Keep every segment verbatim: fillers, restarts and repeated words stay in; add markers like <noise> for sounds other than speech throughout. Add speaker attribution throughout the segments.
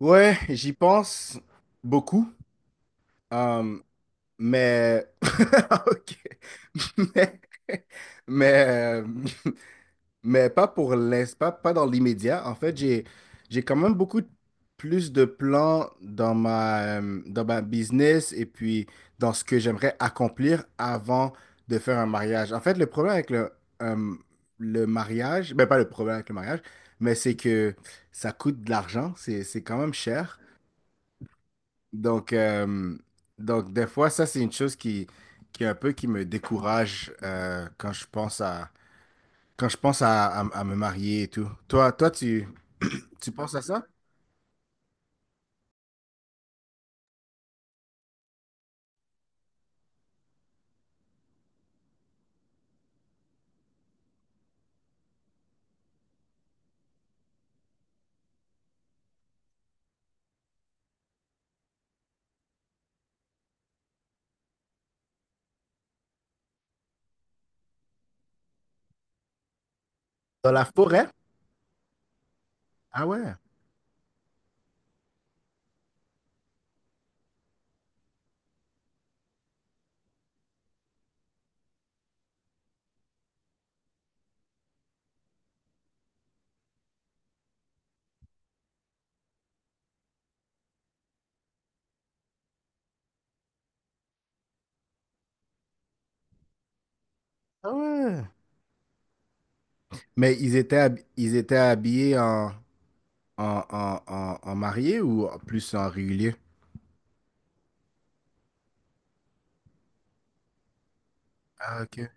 Speaker 1: Ouais, j'y pense beaucoup, euh, mais... <laughs> ok. <laughs> Mais, mais, euh, <laughs> mais pas pour l'instant, pas, pas dans l'immédiat. En fait, j'ai, j'ai quand même beaucoup plus de plans dans ma, euh, dans ma business et puis dans ce que j'aimerais accomplir avant de faire un mariage. En fait, le problème avec le, euh, le mariage, ben pas le problème avec le mariage, mais c'est que ça coûte de l'argent, c'est, c'est quand même cher. Donc, euh, donc, des fois, ça, c'est une chose qui, qui est un peu qui me décourage euh, quand je pense à, quand je pense à, à- à me marier et tout. Toi, toi, tu, tu penses à ça? Dans la forêt? Ah ouais. Ah ouais. Mais ils étaient, hab- ils étaient habillés en, en, en, en, en mariés ou en plus en régulier? Ah, ok.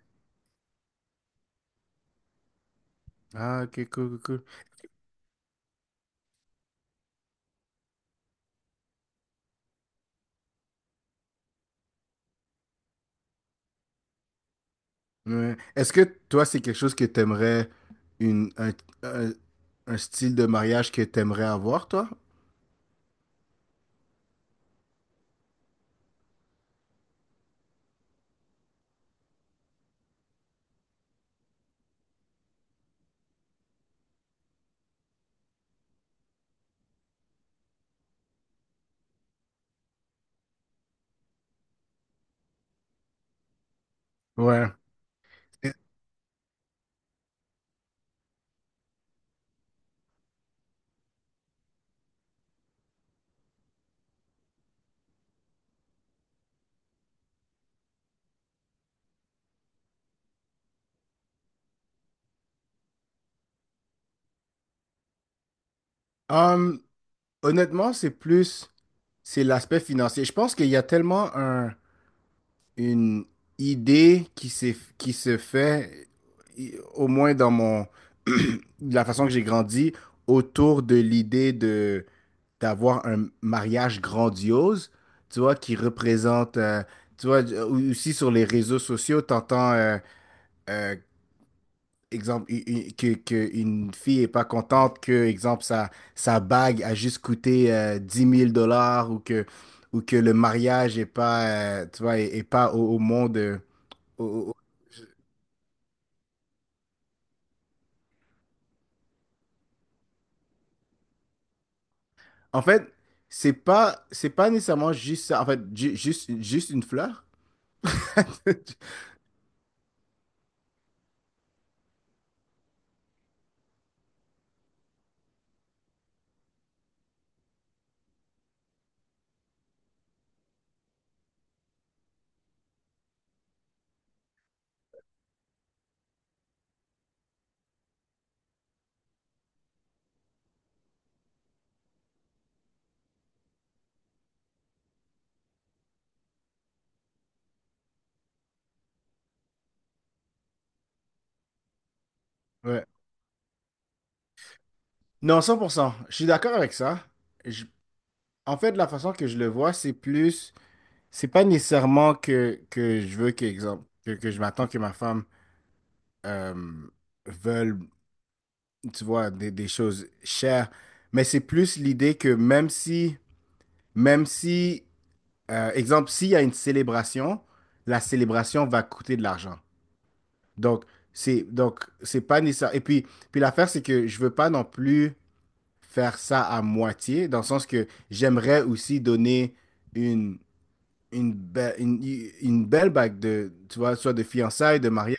Speaker 1: Ah, ok, cool, cool, cool. Ouais. Est-ce que toi, c'est quelque chose que t'aimerais, une, un, un, un style de mariage que t'aimerais avoir, toi? Ouais. Hum, honnêtement, c'est plus, c'est l'aspect financier. Je pense qu'il y a tellement un, une idée qui s'est, qui se fait, i- au moins dans mon, <clears throat> la façon que j'ai grandi, autour de l'idée de d'avoir un mariage grandiose, tu vois, qui représente, euh, tu vois, ou- aussi sur les réseaux sociaux, t'entends euh, euh, exemple, u- u- que, que une fille est pas contente que, exemple, sa, sa bague a juste coûté euh, dix mille dollars ou que, ou que le mariage est pas, euh, tu vois, est, est pas au, au monde. euh, au- au- au- En fait, c'est pas, c'est pas nécessairement juste ça. En fait, ju- juste, juste une fleur. <laughs> Ouais. Non, cent pour cent, je suis d'accord avec ça. Je- En fait, la façon que je le vois, c'est plus, c'est pas nécessairement que, que je veux que, exemple, que, que je m'attends que ma femme euh, veulent, tu vois, des, des choses chères. Mais c'est plus l'idée que même si, même si, euh, exemple, s'il y a une célébration, la célébration va coûter de l'argent. Donc, c'est, donc, c'est pas nécessaire. Et puis, puis l'affaire, c'est que je veux pas non plus faire ça à moitié, dans le sens que j'aimerais aussi donner une, une, belle une, une belle bague de, tu vois, soit de fiançailles, de mariage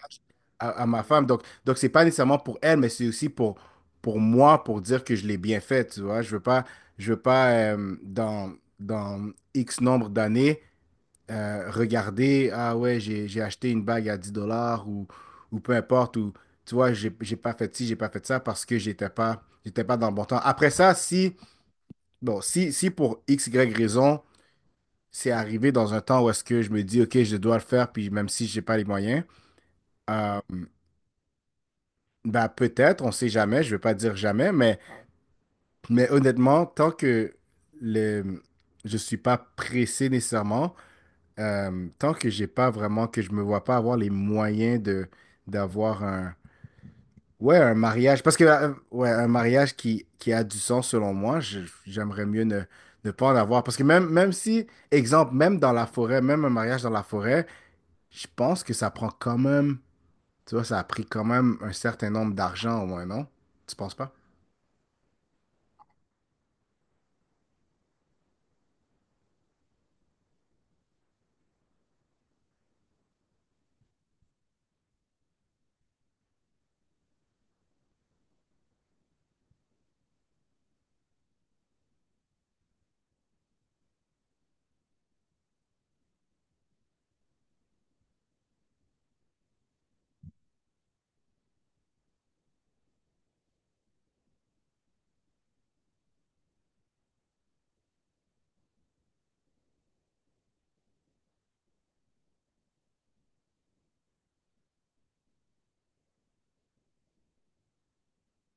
Speaker 1: à, à ma femme. Donc, donc c'est pas nécessairement pour elle, mais c'est aussi pour, pour moi, pour dire que je l'ai bien fait, tu vois. Je veux pas, je veux pas euh, dans, dans X nombre d'années euh, regarder, ah ouais, j'ai, j'ai acheté une bague à dix dollars ou, ou peu importe, ou tu vois, j'ai, j'ai pas fait ci, j'ai pas fait ça parce que j'étais pas, j'étais pas dans le bon temps. Après ça, si, bon, si, si pour X, Y raison, c'est arrivé dans un temps où est-ce que je me dis, OK, je dois le faire, puis même si j'ai pas les moyens, euh, ben peut-être, on sait jamais, je vais pas dire jamais, mais, mais honnêtement, tant que le, je suis pas pressé nécessairement, euh, tant que j'ai pas vraiment, que je me vois pas avoir les moyens de d'avoir un, ouais, un mariage, parce que, euh, ouais, un mariage qui, qui a du sens selon moi, je- j'aimerais mieux ne, ne pas en avoir, parce que même, même si, exemple, même dans la forêt, même un mariage dans la forêt, je pense que ça prend quand même, tu vois, ça a pris quand même un certain nombre d'argent au moins, non? Tu penses pas?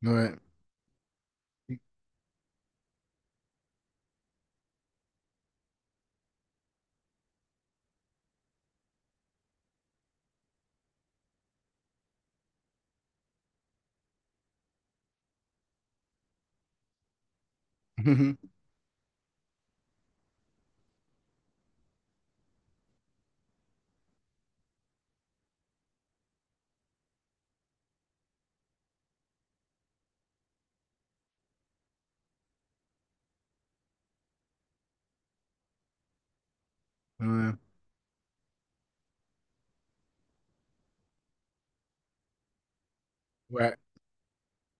Speaker 1: Ouais. <laughs> Ouais. Ouais.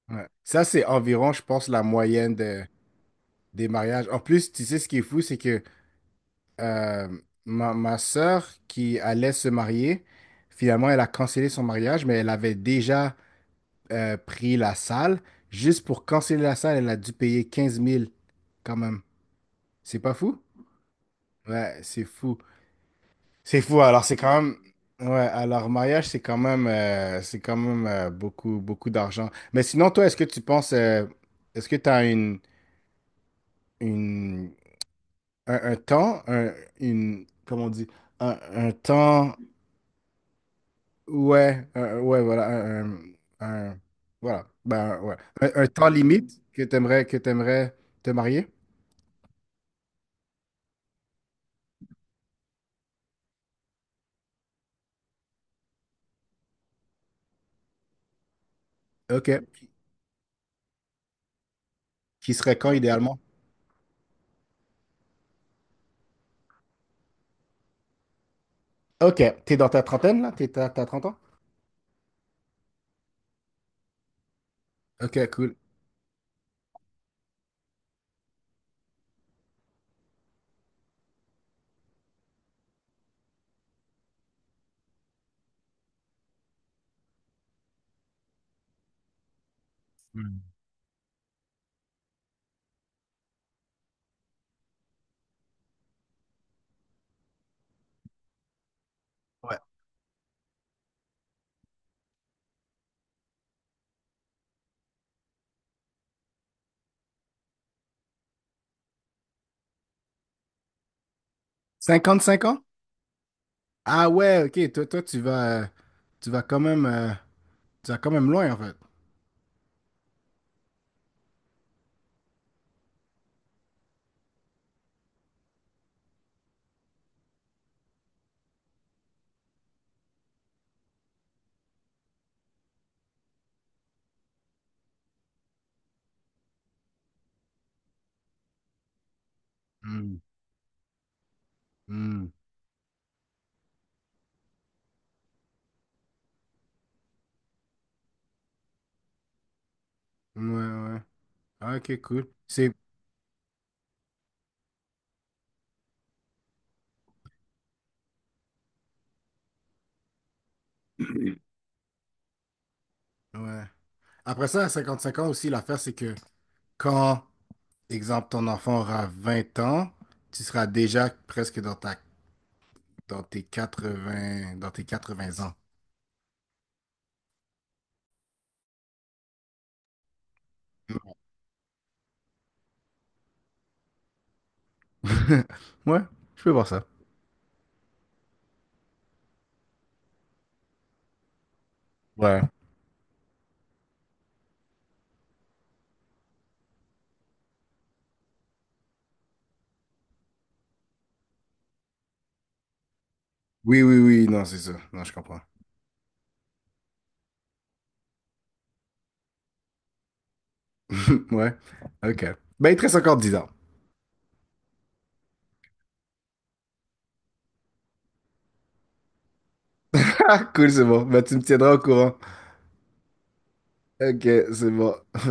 Speaker 1: Ouais. Ça, c'est environ, je pense, la moyenne de- des mariages. En plus, tu sais, ce qui est fou, c'est que euh, ma, ma sœur qui allait se marier, finalement, elle a cancellé son mariage, mais elle avait déjà euh, pris la salle. Juste pour canceller la salle, elle a dû payer quinze mille, quand même. C'est pas fou? Ouais, c'est fou. C'est fou. Alors, c'est quand même. Ouais, alors, mariage, c'est quand même, euh, c'est quand même euh, beaucoup, beaucoup d'argent. Mais sinon, toi, est-ce que tu penses. euh, est-ce que tu as une, une, un, un temps, un, une. Comment on dit? Un, un temps. Ouais, un- ouais, voilà. Un, un- un- voilà. Ben, ouais. Un, un temps limite que tu aimerais, que tu te marier? OK. Qui serait quand, idéalement? OK. T'es dans ta trentaine, là? Tu t'as trente ans? OK, cool. Ouais. Cinquante, cinq ans? Ah ouais, ok, toi, toi tu vas, euh, tu vas quand même, euh, tu vas quand même loin en fait. Hmm, hmm. Ouais, ouais. Ah, Ok, cool. C'est, ouais. Après ça, à cinquante-cinq ans aussi, l'affaire, c'est que quand, exemple, ton enfant aura vingt ans, tu seras déjà presque dans ta, dans tes quatre-vingts dans tes quatre-vingts ans. <laughs> Ouais, je peux voir ça. Ouais. Oui, oui, oui, non, c'est ça. Non, je comprends. <laughs> Ouais, ok. Ben, il te reste encore dix ans. <laughs> Cool, c'est bon. Ben, tu me tiendras au courant. Ok, c'est bon. <laughs>